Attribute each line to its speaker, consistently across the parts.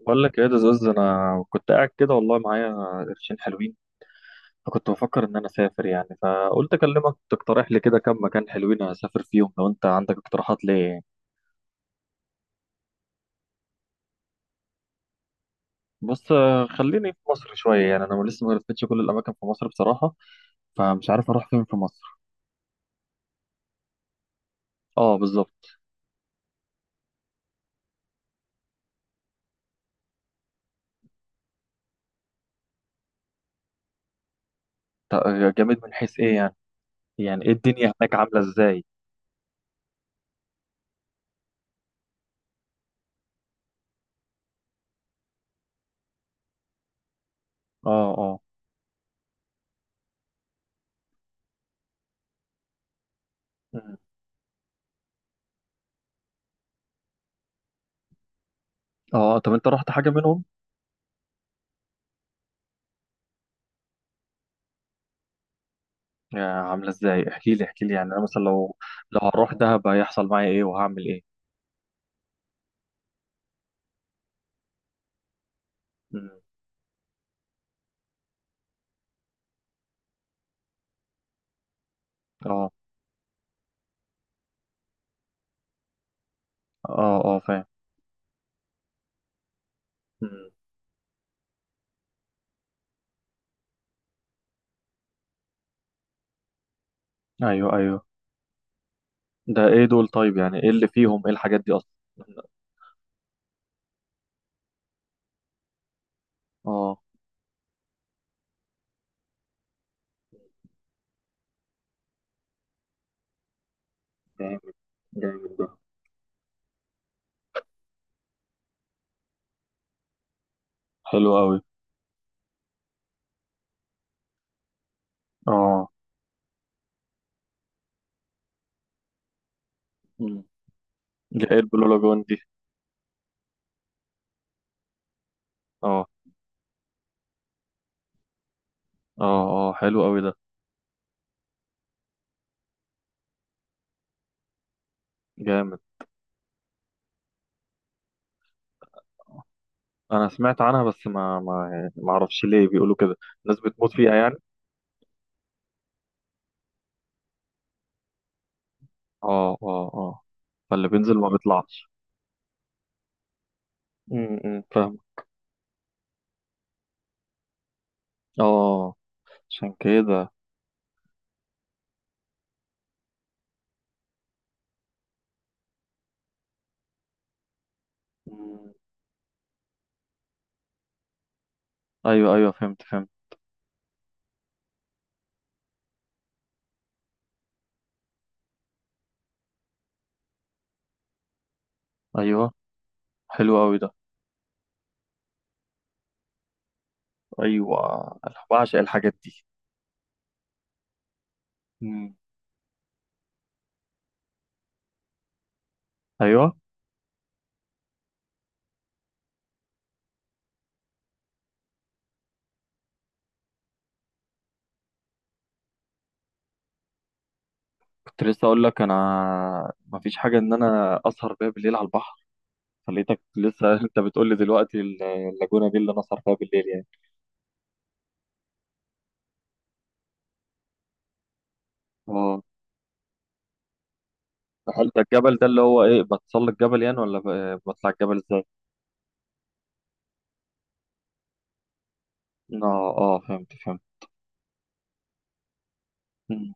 Speaker 1: بقول لك ايه ده زوز، انا كنت قاعد كده والله معايا قرشين حلوين. فكنت بفكر ان انا اسافر يعني، فقلت اكلمك تقترح لي كده كم مكان حلوين اسافر فيهم لو انت عندك اقتراحات ليه. بص خليني في مصر شويه يعني، انا لسه ما لفتش كل الاماكن في مصر بصراحه. فمش عارف اروح فين في مصر. اه بالظبط. جامد من حيث ايه يعني؟ يعني ايه الدنيا هناك عامله ازاي؟ اه اه. مم. اه طب انت رحت حاجه منهم؟ يا عامله ازاي، احكي لي احكي لي يعني انا مثلا لو، لو هروح دهب هيحصل معايا ايه وهعمل ايه؟ مم. اه اه اه فاهم. مم. ايوه ايوه. ده ايه دول طيب؟ يعني ايه اللي فيهم، ايه الحاجات دي اصلا؟ اه. جامد. جامد ده. حلو قوي. اه. مم. ده ايه البلو لاجون دي؟ اه. اه اه حلو قوي ده. جامد. انا سمعت عنها بس ما يعني ما اعرفش ليه بيقولوا كده. الناس بتموت فيها يعني؟ اه اه اه. فاللي بينزل ما بيطلعش؟ أمم، فاهم. اه. عشان كده. أمم. ايوه ايوه فهمت فهمت. ايوه حلو قوي ده. ايوه انا بعشق الحاجات دي. مم. ايوه. كنت لسه اقول لك انا ما فيش حاجه ان انا اسهر بيها بالليل على البحر، فلقيتك لسه انت بتقول لي دلوقتي اللاجونه دي اللي انا اسهر فيها بالليل يعني. اه. هل ده الجبل ده اللي هو ايه، بتسلق الجبل يعني ولا بطلع الجبل ازاي؟ اه اه فهمت فهمت. مم.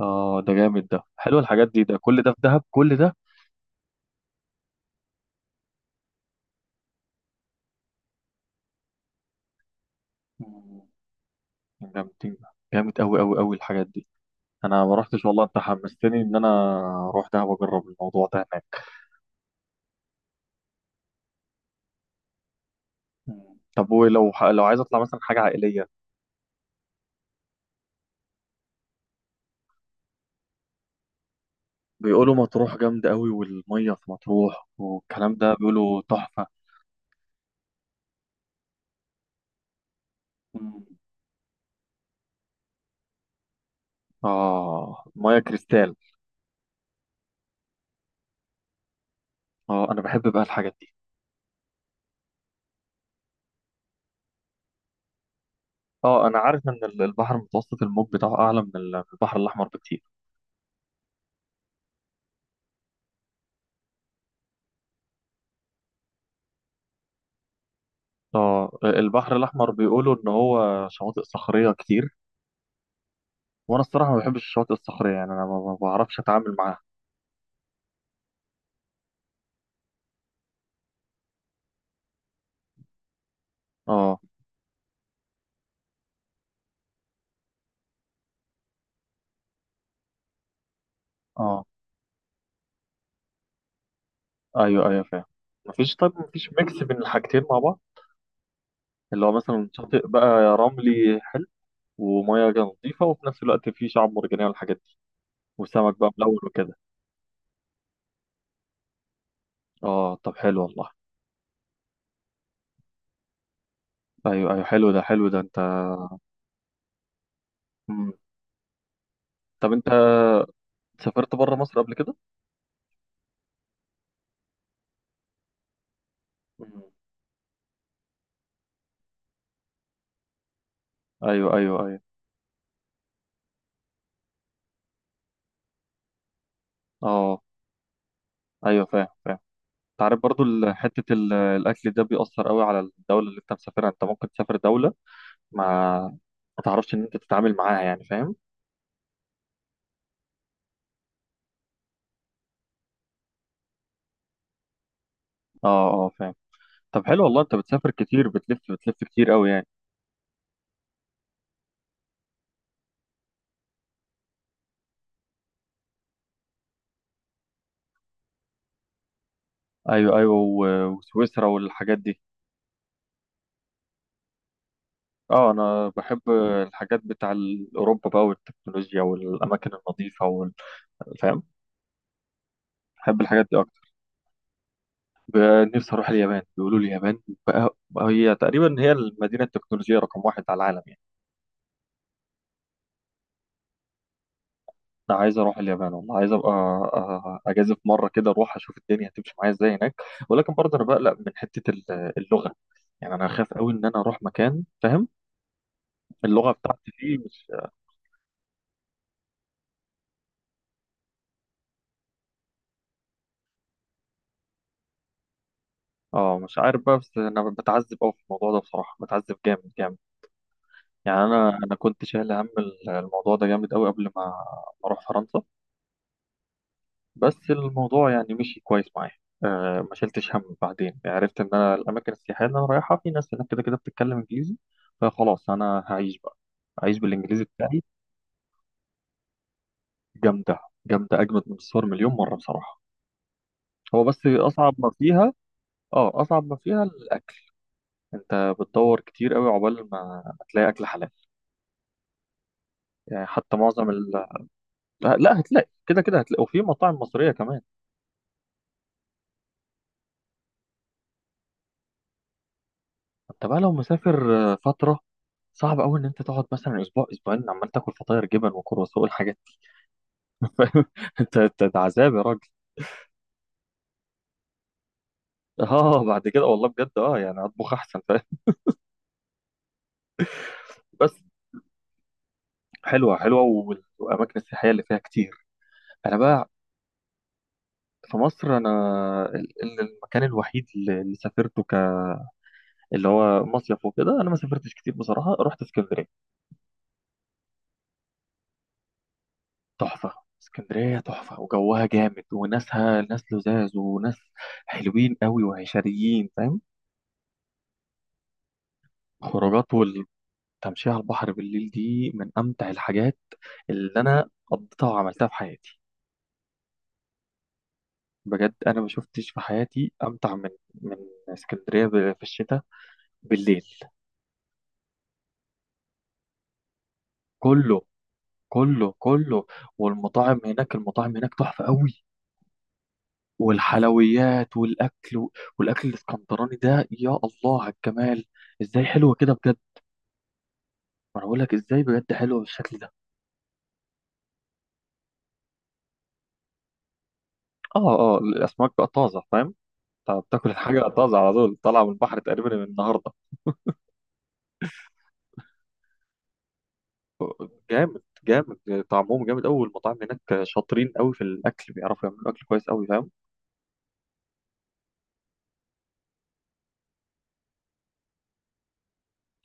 Speaker 1: اه ده جامد ده، حلو الحاجات دي، ده كل ده في دهب كل ده؟ مم. جامدين. جامد قوي قوي قوي الحاجات دي. انا ما رحتش والله، انت حمستني ان انا اروح دهب واجرب الموضوع ده. مم. طب ولو لو عايز اطلع مثلا حاجه عائليه؟ بيقولوا مطروح جامده قوي، والميه في مطروح والكلام ده بيقولوا تحفه. مم. اه ميه كريستال. اه انا بحب بقى الحاجات دي. اه انا عارف ان البحر المتوسط الموج بتاعه اعلى من البحر الاحمر بكتير. اه البحر الاحمر بيقولوا ان هو شواطئ صخريه كتير. وانا الصراحه ما بحبش الشواطئ الصخريه يعني، انا ما بعرفش اتعامل معاها. اه اه. ايوه ايوه فاهم. مفيش طيب مفيش ميكس بين الحاجتين مع بعض؟ اللي هو مثلا شاطئ بقى رملي حلو ومياه نظيفة، وفي نفس الوقت في شعاب مرجانية والحاجات دي، وسمك بقى ملون وكده. اه طب حلو والله. ايوه ايوه حلو ده، حلو ده انت. مم. طب انت سافرت بره مصر قبل كده؟ مم. ايوه ايوه ايوه. اه ايوه فاهم فاهم. انت عارف برضو حتة الاكل ده بيأثر قوي على الدولة اللي انت مسافرها، انت ممكن تسافر دولة ما ما تعرفش ان انت تتعامل معاها يعني، فاهم؟ اه اه فاهم. طب حلو والله، انت بتسافر كتير، بتلف كتير قوي يعني. ايوه ايوه وسويسرا والحاجات دي. اه انا بحب الحاجات بتاع اوروبا بقى، والتكنولوجيا والاماكن النظيفه فاهم. بحب الحاجات دي اكتر. ب- نفسي اروح اليابان، بيقولوا لي اليابان بقى هي تقريبا هي المدينه التكنولوجيه رقم واحد على العالم يعني. انا عايز اروح اليابان والله، عايز ابقى اجازف مره كده اروح اشوف الدنيا هتمشي معايا ازاي هناك. ولكن برضه انا بقلق من حته اللغه. يعني انا خايف قوي ان انا اروح مكان، فاهم، اللغه بتاعتي فيه. اه مش عارف بقى، بس انا بتعذب قوي في الموضوع ده بصراحه، بتعذب جامد جامد. يعني انا كنت شايل هم الموضوع ده جامد قوي قبل ما اروح فرنسا. بس الموضوع يعني مشي كويس معايا. آه ما شلتش هم، بعدين عرفت ان انا الاماكن السياحيه اللي انا رايحها في ناس هناك كده كده بتتكلم انجليزي. فخلاص انا هعيش بقى، هعيش بالانجليزي بتاعي. جامده. جامده اجمد من الصور مليون مره بصراحه. هو بس اصعب ما فيها. اه اصعب ما فيها الاكل. انت بتدور كتير قوي عقبال ما تلاقي اكل حلال. يعني حتى معظم ال... لا لا هتلاقي كده كده، هتلاقي وفي مطاعم مصرية كمان. انت بقى لو مسافر فترة، صعب قوي ان انت تقعد مثلا اسبوع اسبوعين عمال تاكل فطاير جبن وكرواسون والحاجات دي، فاهم؟ انت ده عذاب يا راجل. اه بعد كده والله بجد، اه يعني اطبخ احسن فاهم. بس حلوة حلوة، والاماكن السياحية اللي فيها كتير. انا بقى في مصر انا المكان الوحيد اللي سافرته ك، اللي هو مصيف وكده، انا ما سافرتش كتير بصراحة، رحت اسكندرية. تحفة. اسكندرية تحفة، وجوها جامد، وناسها ناس لذاذ وناس حلوين قوي وعشريين فاهم. خروجات. والتمشية على البحر بالليل دي من أمتع الحاجات اللي أنا قضيتها وعملتها في حياتي. بجد أنا ما شفتش في حياتي أمتع من اسكندرية في الشتاء بالليل. كله كله كله. والمطاعم هناك، المطاعم هناك تحفة قوي. والحلويات والأكل، والأكل الإسكندراني ده، يا الله على الجمال. إزاي حلوة كده بجد. ما انا بقول لك، ازاي بجد حلوه بالشكل ده. اه اه الاسماك بقى طازه فاهم. انت بتاكل الحاجه طازه على طول، طالعه من البحر تقريبا من النهارده. جامد جامد. طعمهم جامد قوي، المطاعم هناك شاطرين قوي في الاكل، بيعرفوا يعملوا اكل كويس قوي فاهم.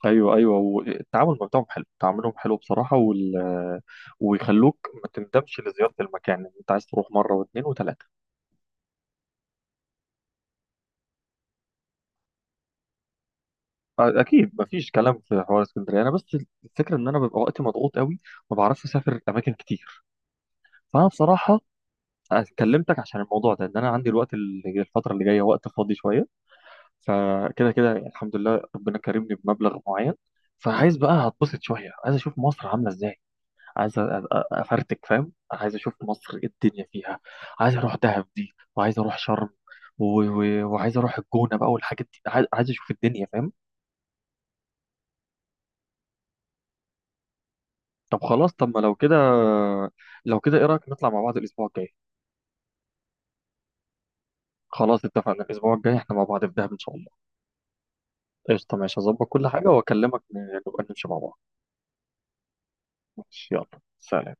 Speaker 1: ايوه ايوه والتعامل بتاعهم حلو، تعاملهم حلو بصراحه، وال... ويخلوك ما تندمش لزياره المكان يعني، انت عايز تروح مره واثنين وثلاثه. اكيد ما فيش كلام في حوار اسكندريه. انا بس الفكره ان انا ببقى وقتي مضغوط قوي، ما بعرفش اسافر اماكن كتير. فانا بصراحه أنا كلمتك عشان الموضوع ده، ان انا عندي الوقت الفتره اللي جايه وقت فاضي شويه. فكده كده الحمد لله ربنا كرمني بمبلغ معين. فعايز بقى هتبسط شويه، عايز اشوف مصر عامله ازاي. عايز افرتك فاهم، عايز اشوف مصر ايه الدنيا فيها. عايز اروح دهب دي، وعايز اروح شرم وعايز اروح الجونه بقى والحاجات دي، عايز اشوف الدنيا فاهم. طب خلاص، طب ما لو كده، لو كده ايه رايك نطلع مع بعض الاسبوع الجاي؟ خلاص اتفقنا، الاسبوع الجاي احنا مع بعض في دهب ان شاء الله. قشطة ماشي، هظبط كل حاجة وأكلمك نبقى نمشي مع بعض. ماشي يلا. سلام.